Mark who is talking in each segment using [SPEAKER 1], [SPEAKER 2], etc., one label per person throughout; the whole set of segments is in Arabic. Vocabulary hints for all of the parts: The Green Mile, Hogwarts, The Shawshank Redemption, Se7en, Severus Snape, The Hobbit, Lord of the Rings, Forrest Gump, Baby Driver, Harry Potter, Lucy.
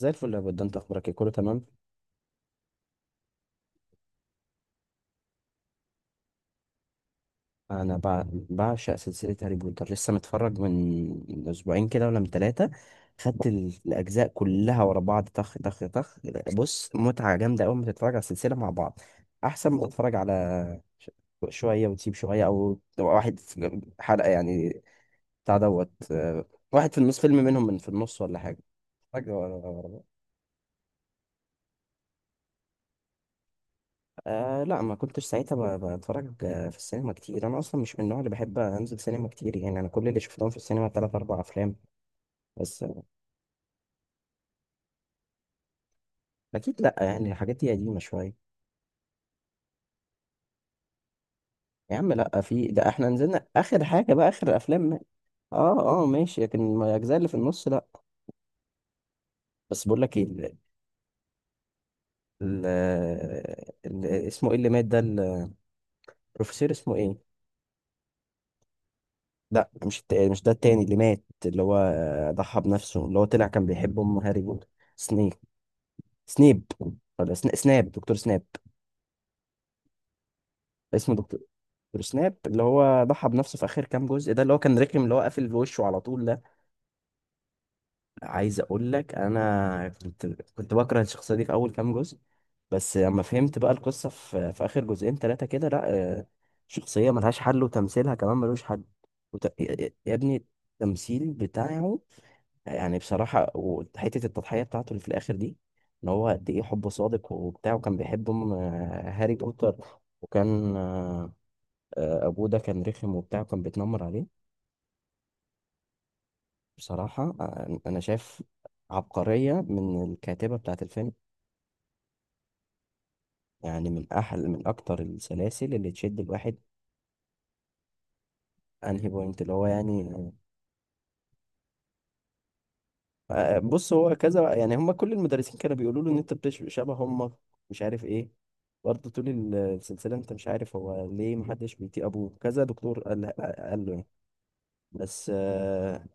[SPEAKER 1] زي الفل يا بود، انت اخبارك ايه، كله تمام؟ بعشق سلسله هاري بوتر، لسه متفرج من اسبوعين كده ولا من ثلاثه. خدت الاجزاء كلها ورا بعض، طخ طخ طخ. بص، متعه جامده اول ما تتفرج على السلسله مع بعض احسن ما تتفرج على ش- شويه وتسيب شويه، او واحد في حلقه يعني بتاع دوت، واحد في النص فيلم منهم، من في النص ولا حاجه. اتفرج ورا- ورا- آه لا، ما كنتش ساعتها بتفرج في السينما كتير، انا اصلا مش من النوع اللي بحب انزل سينما كتير، يعني انا كل اللي شفتهم في السينما تلات اربع افلام. بس اكيد لا، يعني الحاجات دي قديمه شويه. يا عم لا، في ده احنا نزلنا اخر حاجه، بقى اخر الافلام. اه اه ماشي، لكن الاجزاء اللي في النص لا. بس بقول لك ايه، ال... اسمه ايه اللي مات ده، البروفيسور اسمه ايه؟ لا، مش ده التاني اللي مات، اللي هو ضحى بنفسه، اللي هو طلع كان بيحب ام هاري بوتر. سنيك. سنيب. ولا سناب، دكتور سناب. اسمه دكتور سناب اللي هو ضحى بنفسه في اخر كام جزء ده، اللي هو كان رخم، اللي هو قافل بوشه على طول ده. عايز اقول لك، انا كنت بكره الشخصيه دي في اول كام جزء، بس لما فهمت بقى القصه في اخر جزئين ثلاثه كده لا، آه، شخصيه ملهاش حل وتمثيلها كمان ملوش حل. وت... يا يا ابني، التمثيل بتاعه يعني بصراحة، وحتة التضحية بتاعته اللي في الآخر دي، إن هو قد إيه حبه صادق وبتاع، وكان بيحب أم هاري بوتر، وكان آه، آه، أبوه ده كان رخم وبتاع وكان بيتنمر عليه. بصراحة أنا شايف عبقرية من الكاتبة بتاعة الفيلم، يعني من أحل من أكتر السلاسل اللي تشد الواحد. أنهي بوينت اللي هو يعني؟ بص، هو كذا يعني، هم كل المدرسين كانوا بيقولوا له ان انت شبه هم، مش عارف ايه، برضه طول السلسله انت مش عارف هو ليه محدش بيطيق ابوه، كذا دكتور قال له يعني. بس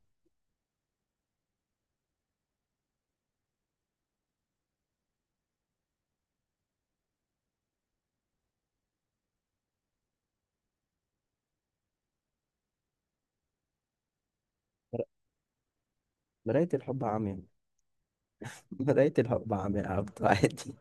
[SPEAKER 1] مراية الحب عمياء. مراية الحب عمياء يا عبد، عادي.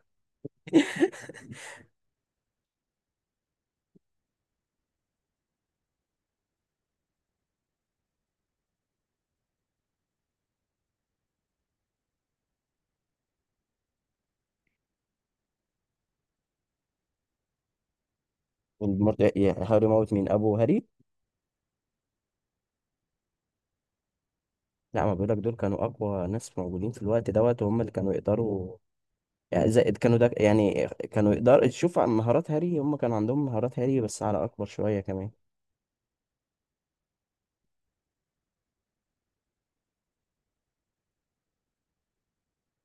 [SPEAKER 1] يعني هاري موت مين، ابو هاري؟ لا، ما بقولك دول كانوا اقوى ناس موجودين في الوقت دوت، وهم اللي كانوا يقدروا، يعني زائد كانوا ده، يعني كانوا يقدروا تشوف عن مهارات هاري، هم كان عندهم مهارات هاري بس على اكبر شويه كمان.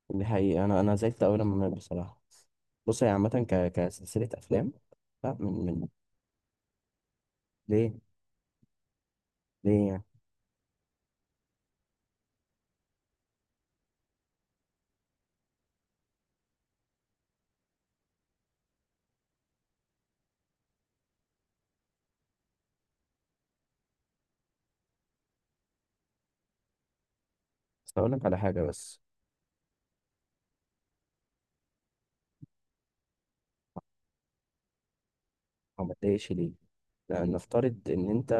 [SPEAKER 1] دي حقيقة، أنا زعلت أوي لما مات بصراحة. بص هي عامة كسلسلة أفلام. لا، من ليه ليه يعني؟ بس أقول لك على حاجة بس. أو ما تضايقش ليه؟ لأن نفترض إن أنت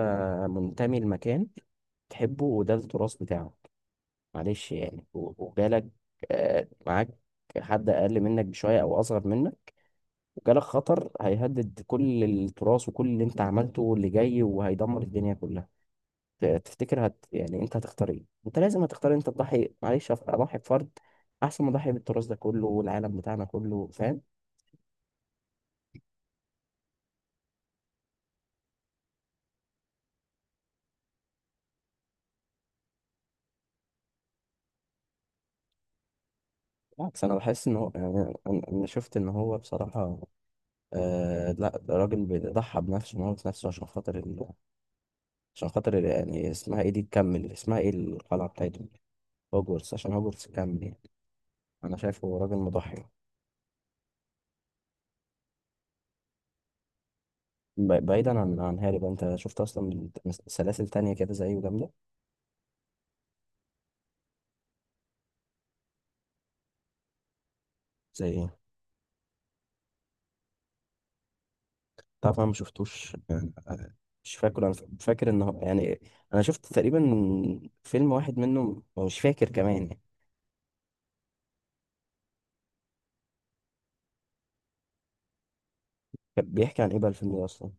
[SPEAKER 1] منتمي لمكان تحبه وده التراث بتاعك، معلش يعني، وجالك معاك حد أقل منك بشوية أو أصغر منك، وجالك خطر هيهدد كل التراث وكل اللي أنت عملته واللي جاي، وهيدمر الدنيا كلها. تفتكر هت يعني، انت هتختار ايه؟ انت لازم هتختار انت تضحي، معلش اضحي بفرد احسن ما اضحي بالتراث ده كله والعالم بتاعنا كله، فاهم؟ بالعكس، انا بحس ان هو يعني انا شفت ان هو بصراحه، آه لا، ده راجل بيضحى بنفسه وموت نفسه يعني اسمها ايه دي تكمل، اسمها ايه القلعه بتاعته؟ هوجورتس. عشان هوجورتس تكمل يعني، انا شايف هو راجل مضحي. بعيدا عن هاري بقى، انت شفت اصلا سلاسل تانية كده زيه جامده؟ زي ايه؟ طبعا ما شفتوش يعني، مش فاكر انا، فاكر ان هو يعني، انا شفت تقريبا فيلم واحد منه أو مش فاكر كمان يعني. كان بيحكي عن ايه بقى الفيلم ده اصلا؟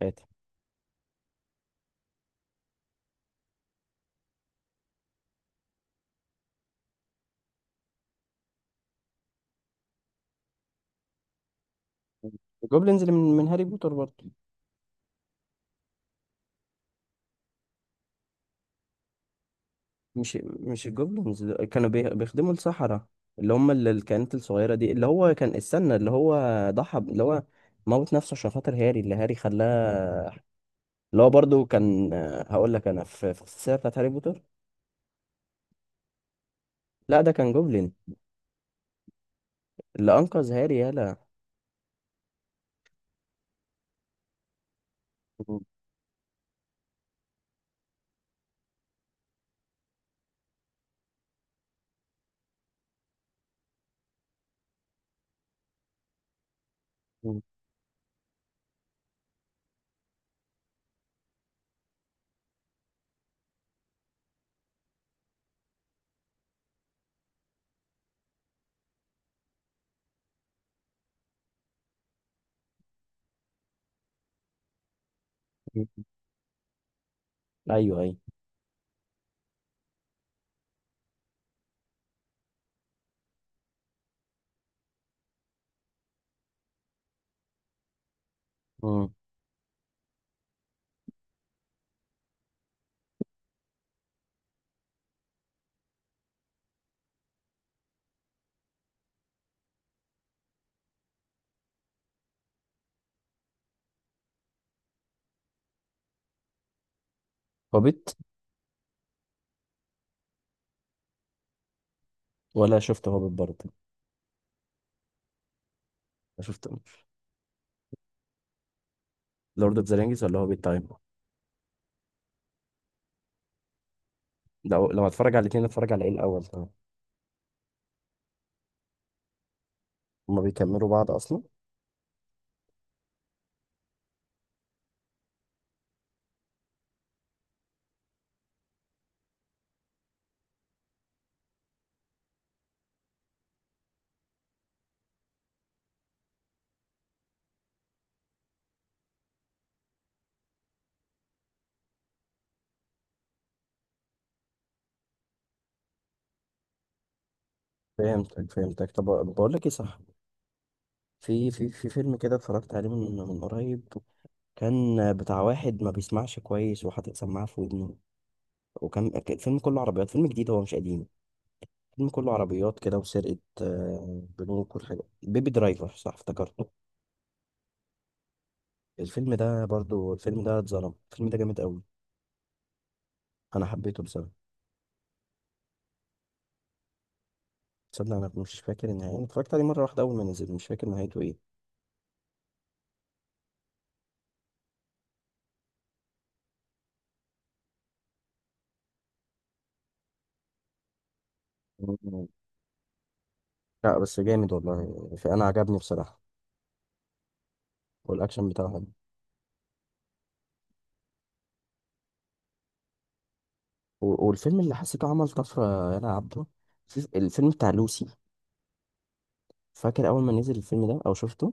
[SPEAKER 1] فاتح. الجوبلينز اللي من هاري بوتر برضه؟ مش الجوبلينز دول، كانوا بيخدموا السحرة، اللي هم الكائنات الصغيرة دي اللي هو كان استنى، اللي هو ضحى اللي هو موت نفسه عشان خاطر هاري، اللي هاري خلاه، اللي هو برضه كان هقول لك انا في السلسلة بتاعت هاري بوتر. لا ده كان جوبلين اللي انقذ هاري، يالا. ايوه ايوه. امم. هوبيت. ولا شفت هوبيت برضه؟ أنا شفت لورد اوف ذا رينجز ولا هوبيت تايم؟ لو هتفرج على الاثنين، اتفرج على ايه الاول، تمام؟ هما بيكملوا بعض اصلا. فهمتك فهمتك، طب بقول لك ايه، صح؟ في فيلم كده اتفرجت عليه من قريب، كان بتاع واحد ما بيسمعش كويس وحاطط سماعه في ودنه، وكان الفيلم كله عربيات، فيلم جديد هو مش قديم، الفيلم كله عربيات كده وسرقه بنوك والحاجات، بيبي درايفر صح افتكرته. الفيلم ده برضو، الفيلم ده اتظلم، الفيلم ده جامد قوي. انا حبيته بصراحه. تصدق انا مش فاكر النهايه، انا اتفرجت عليه مره واحده اول ما نزل مش فاكر نهايته ايه. مم. لا بس جامد والله فانا عجبني بصراحه. والاكشن بتاعه حلو، والفيلم اللي حسيته عمل طفره يا عبده، الفيلم بتاع لوسي. فاكر اول ما نزل الفيلم ده او شفته.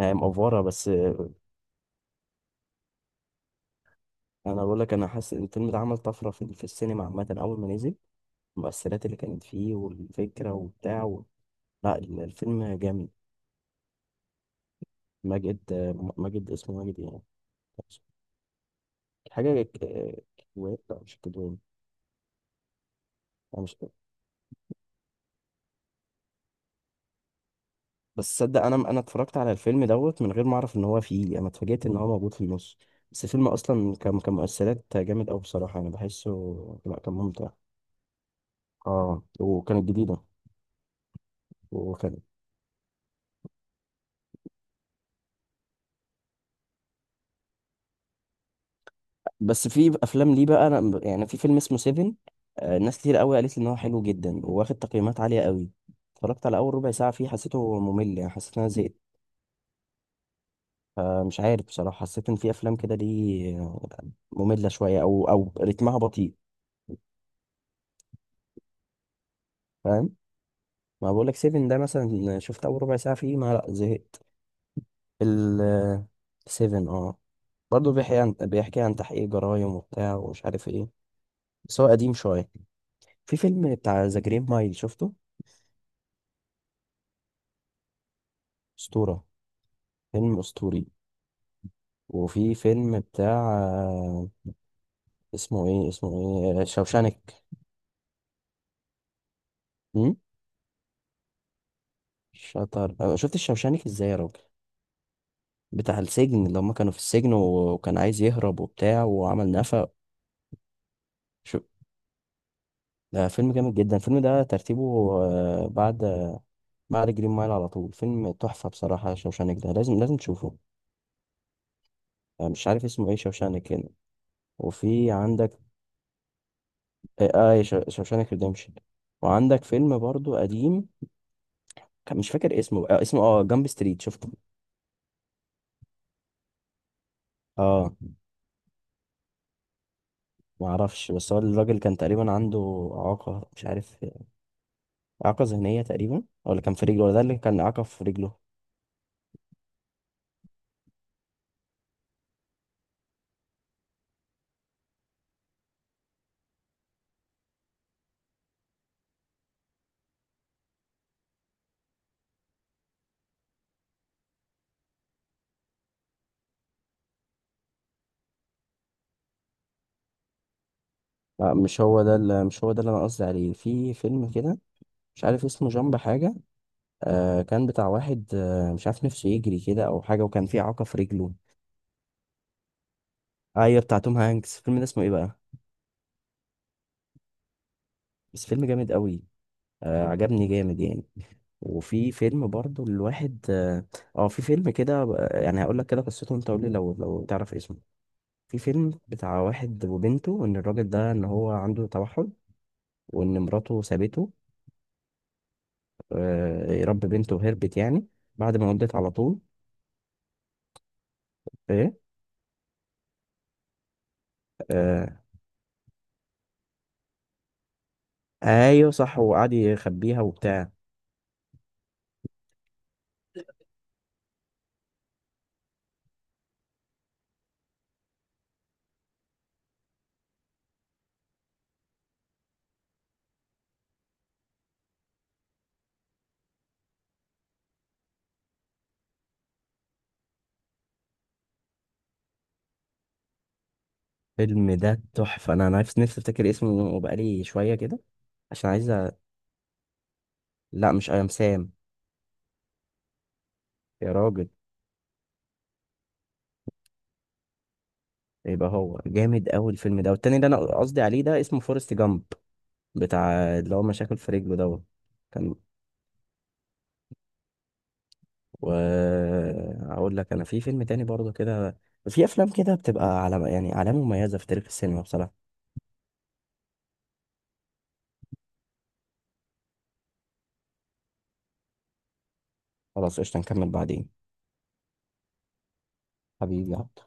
[SPEAKER 1] هي مأفورة بس. انا بقول لك انا حاسس ان الفيلم ده عمل طفره في السينما عامه اول ما نزل، المؤثرات اللي كانت فيه والفكره وبتاع لا الفيلم جامد. ماجد، ماجد، اسمه ماجد يعني، حاجه كدوان، لا مش كدوان. أنا مش... بس صدق، انا اتفرجت على الفيلم دوت من غير ما اعرف ان هو فيه، انا اتفاجئت ان هو موجود في النص. بس الفيلم اصلا كان مؤثرات جامد قوي بصراحه انا بحسه. لا كان ممتع. اه وكانت جديده. وكان... بس في افلام ليه بقى، انا يعني، في فيلم اسمه سيفن، ناس كتير قوي قالت لي ان هو حلو جدا وواخد تقييمات عاليه قوي، اتفرجت على اول ربع ساعه فيه حسيته ممل، يعني حسيت ان انا زهقت. فمش عارف بصراحة، حسيت إن في أفلام كده دي آه، مملة شوية أو رتمها بطيء. فاهم، ما بقولك سيفن ده مثلا شفت أول ربع ساعة فيه، ما لأ زهقت. ال سيفن اه، برضه بيحكي عن تحقيق جرايم وبتاع ومش عارف ايه، بس هو قديم شوية. في فيلم بتاع ذا جرين مايل شفته، أسطورة، فيلم أسطوري. وفي فيلم بتاع اسمه ايه، اسمه ايه، شوشانك. امم. شطر شفت الشوشانك ازاي يا راجل، بتاع السجن لما كانوا في السجن وكان عايز يهرب وبتاع وعمل نفق. شو... ده فيلم جامد جدا، الفيلم ده ترتيبه بعد، بعد جرين مايل على طول، فيلم تحفة بصراحة، شوشانك ده لازم لازم تشوفه. مش عارف اسمه ايه، شوشانك هنا وفي عندك. اه، شوشانك ريديمشن. وعندك فيلم برضو قديم، كان مش فاكر اسمه، اسمه جامب ستريت شفته. اه. معرفش، بس هو الراجل كان تقريبا عنده إعاقة، مش عارف إعاقة ذهنية تقريبا ولا كان في رجله، ولا ده اللي كان إعاقة في رجله. لا مش هو ده اللي، مش هو ده اللي انا قصدي عليه، في فيلم كده مش عارف اسمه جامب حاجه، كان بتاع واحد، مش عارف نفسه يجري كده او حاجه وكان في اعاقه في رجله. ايوه بتاع توم هانكس، الفيلم ده اسمه ايه بقى؟ بس فيلم جامد قوي، عجبني جامد يعني. وفي فيلم برضو الواحد اه، في فيلم كده، يعني هقول لك كده قصته، انت قول لي لو تعرف اسمه. في فيلم بتاع واحد وبنته، ان الراجل ده ان هو عنده توحد، وان مراته سابته، يربي بنته وهربت يعني بعد ما ولدت على طول. ايه. آه. ايوه صح، وقعد يخبيها وبتاع. الفيلم ده تحفه، انا نفسي افتكر اسمه، وبقالي شويه كده عشان عايز لا مش ايام سام. يا راجل. يبقى هو جامد قوي الفيلم ده، والتاني اللي انا قصدي عليه ده اسمه فورست جامب، بتاع اللي هو مشاكل في رجله دوت. كان، و، اقول لك، انا في فيلم تاني برضه كده، في افلام كده بتبقى علامه، يعني علامه مميزه في تاريخ السينما بصراحه. خلاص قشطه، نكمل بعدين. حبيبي يا عبد.